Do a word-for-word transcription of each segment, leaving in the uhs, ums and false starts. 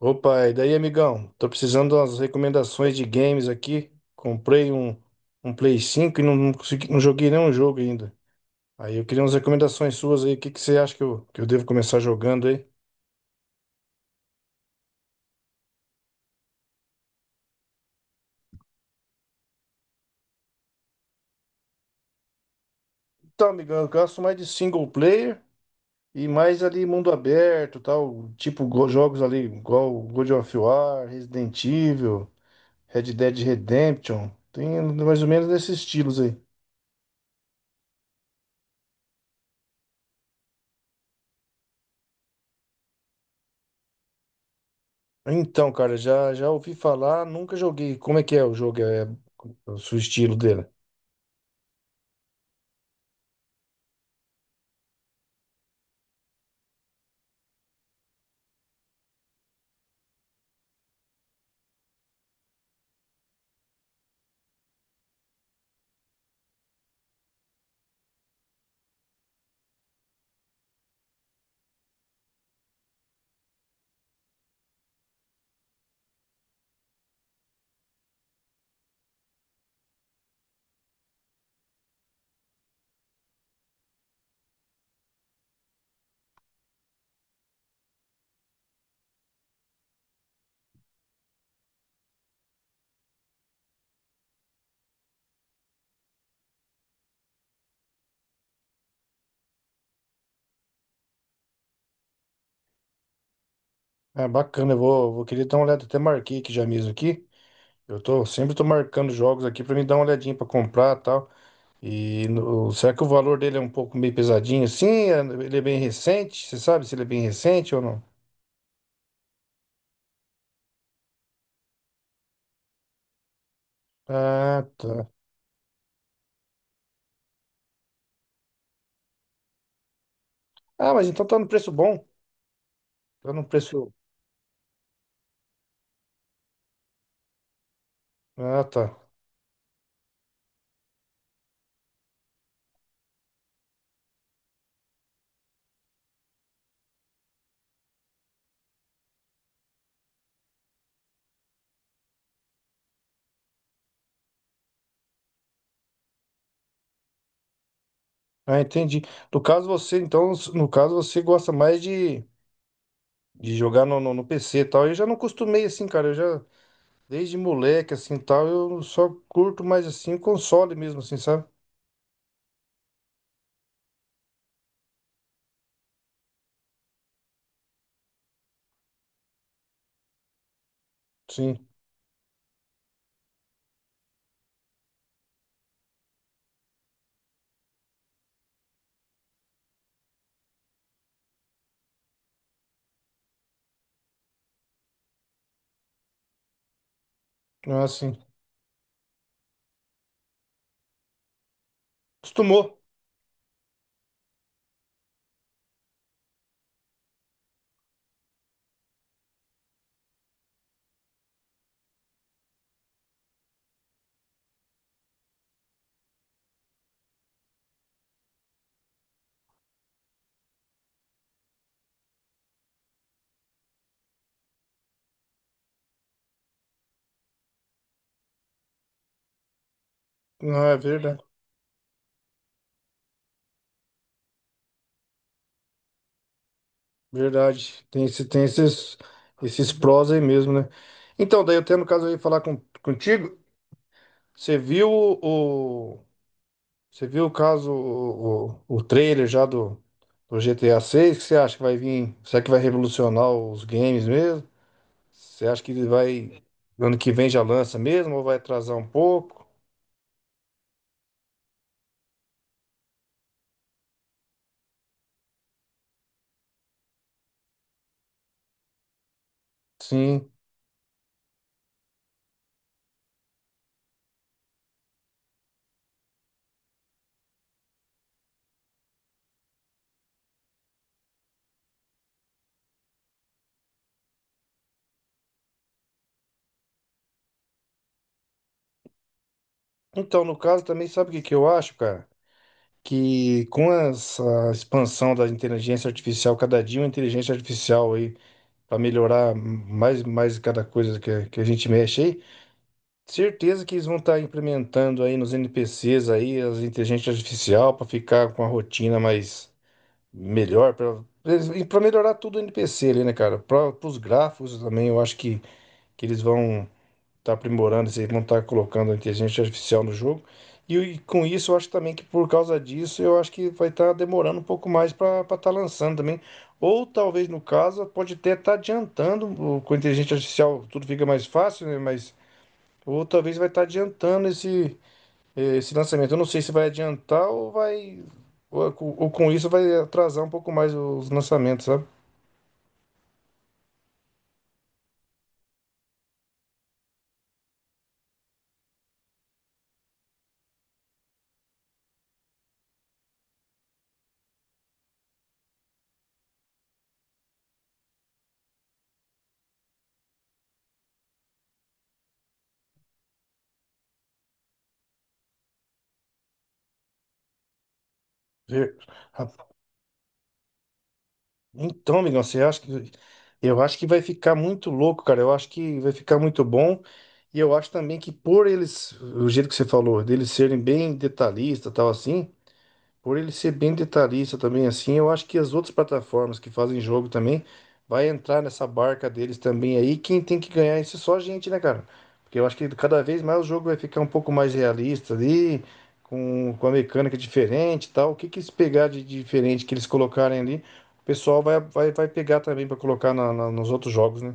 Opa, e daí, amigão? Tô precisando de umas recomendações de games aqui. Comprei um, um Play cinco e não, não consegui, não joguei nenhum jogo ainda. Aí eu queria umas recomendações suas aí. O que, que você acha que eu, que eu devo começar jogando aí? Então, amigão, eu gosto mais de single player e mais ali mundo aberto, tal, tipo go- jogos ali, igual God of War, Resident Evil, Red Dead Redemption. Tem mais ou menos nesses estilos aí. Então, cara, já, já ouvi falar, nunca joguei. Como é que é o jogo? É o seu estilo dele. É bacana, eu vou, vou querer dar uma olhada. Até marquei aqui já mesmo aqui. Eu tô, sempre tô marcando jogos aqui pra me dar uma olhadinha pra comprar e tal. E no- será que o valor dele é um pouco meio pesadinho assim? É- Ele é bem recente? Você sabe se ele é bem recente ou não? Ah, tá. Ah, mas então tá no preço bom. Tá no preço. Ah, tá. Ah, entendi. No caso você, então, no caso você gosta mais de, de jogar no, no, no P C e tal. Eu já não costumei assim, cara. Eu já Desde moleque, assim, tal, eu só curto mais, assim, o console mesmo, assim, sabe? Sim, não é assim. Acostumou. Não, é verdade. Verdade. Tem, esse, tem esses, esses prós aí mesmo, né? Então, daí eu tenho no caso aí falar com, contigo. Você viu o, o- você viu o caso, o, o, o trailer já do, do G T A seis? O que você acha que vai vir? Será que vai revolucionar os games mesmo? Você acha que ele vai, ano que vem já lança mesmo ou vai atrasar um pouco? Sim. Então, no caso também, sabe o que que eu acho, cara? Que com essa expansão da inteligência artificial, cada dia uma inteligência artificial aí, para melhorar mais mais cada coisa que, que a gente mexe aí, certeza que eles vão estar implementando aí nos N P Cs aí as inteligências artificial para ficar com a rotina mais melhor, para melhorar tudo o N P C ali, né, cara? Para os gráficos também, eu acho que, que eles vão tá aprimorando, se não tá colocando a inteligência artificial no jogo. E, e com isso, eu acho também que por causa disso, eu acho que vai estar demorando um pouco mais para estar lançando também. Ou talvez, no caso, pode até estar adiantando, o- com a inteligência artificial tudo fica mais fácil, né? Mas, ou talvez vai estar adiantando esse, eh, esse lançamento. Eu não sei se vai adiantar ou vai. Ou, ou com isso vai atrasar um pouco mais os lançamentos, sabe? E- Então, amigão, você acha que eu acho que vai ficar muito louco, cara. Eu acho que vai ficar muito bom. E eu acho também que por eles, o jeito que você falou, deles serem bem detalhista, tal assim, por ele ser bem detalhista também assim, eu acho que as outras plataformas que fazem jogo também vai entrar nessa barca deles também aí. Quem tem que ganhar isso é só a gente, né, cara? Porque eu acho que cada vez mais o jogo vai ficar um pouco mais realista ali, com, com a mecânica diferente e tal. O que que eles pegar de diferente que eles colocarem ali, o pessoal vai, vai, vai pegar também pra colocar na- na- nos outros jogos, né?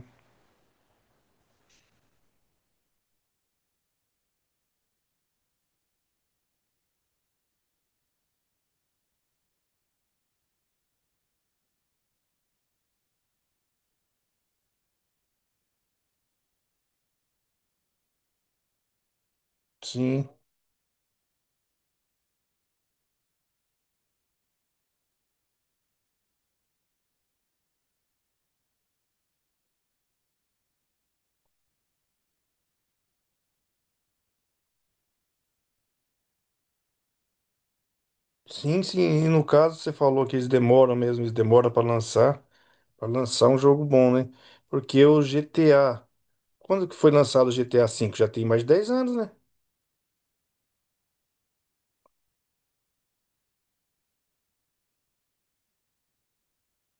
Sim, sim, sim. E no caso, você falou que eles demoram mesmo, eles demoram pra lançar. Pra lançar um jogo bom, né? Porque o G T A. Quando que foi lançado o G T A V? Já tem mais de dez anos, né?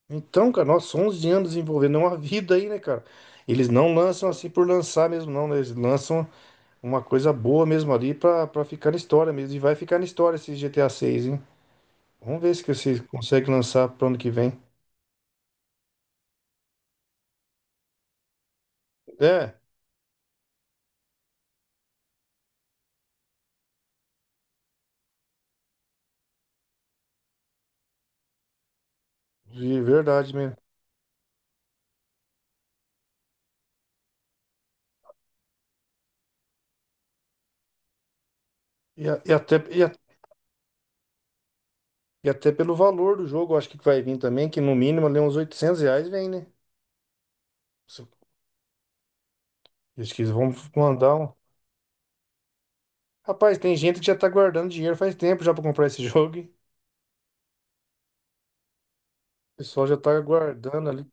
Então, cara, nossa, onze anos desenvolvendo é uma vida aí, né, cara? Eles não lançam assim por lançar mesmo, não, né? Eles lançam uma coisa boa mesmo ali pra, pra ficar na história mesmo. E vai ficar na história esse G T A seis, hein? Vamos ver se que vocês conseguem lançar pro ano que vem. É, de verdade mesmo. E, a- e até, e, a- e até pelo valor do jogo, eu acho que vai vir também, que no mínimo ali uns oitocentos reais vem, né? Eles que vamos mandar um. Rapaz, tem gente que já tá guardando dinheiro faz tempo já pra comprar esse jogo. Hein? O pessoal já tá guardando ali.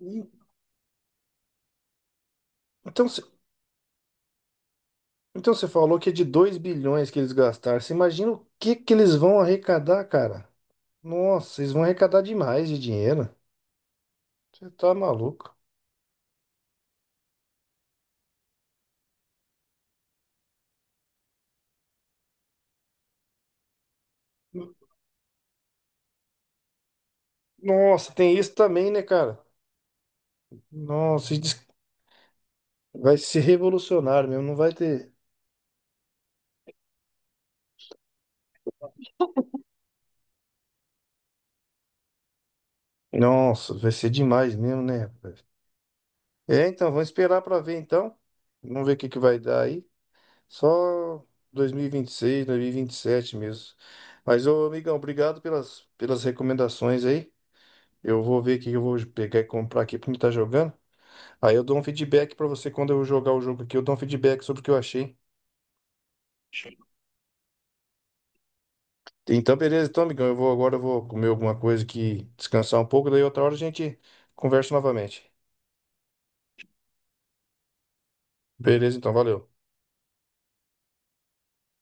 E- Então, cê- então você falou que é de dois bilhões que eles gastaram. Você imagina o que que eles vão arrecadar, cara? Nossa, eles vão arrecadar demais de dinheiro. Você tá maluco. N- Nossa, tem isso também, né, cara? Nossa, e diz- vai ser revolucionário mesmo, não vai ter. Nossa, vai ser demais mesmo, né, rapaz? É, então, vamos esperar pra ver então. Vamos ver o que que vai dar aí. Só dois mil e vinte e seis, dois mil e vinte e sete mesmo. Mas, ô, amigão, obrigado pelas, pelas recomendações aí. Eu vou ver o que eu vou pegar e comprar aqui pra mim estar jogando. Aí eu dou um feedback pra você quando eu jogar o jogo aqui. Eu dou um feedback sobre o que eu achei. Então, beleza. Então, amigão, eu vou agora eu vou comer alguma coisa aqui, descansar um pouco. Daí outra hora a gente conversa novamente. Beleza, então, valeu.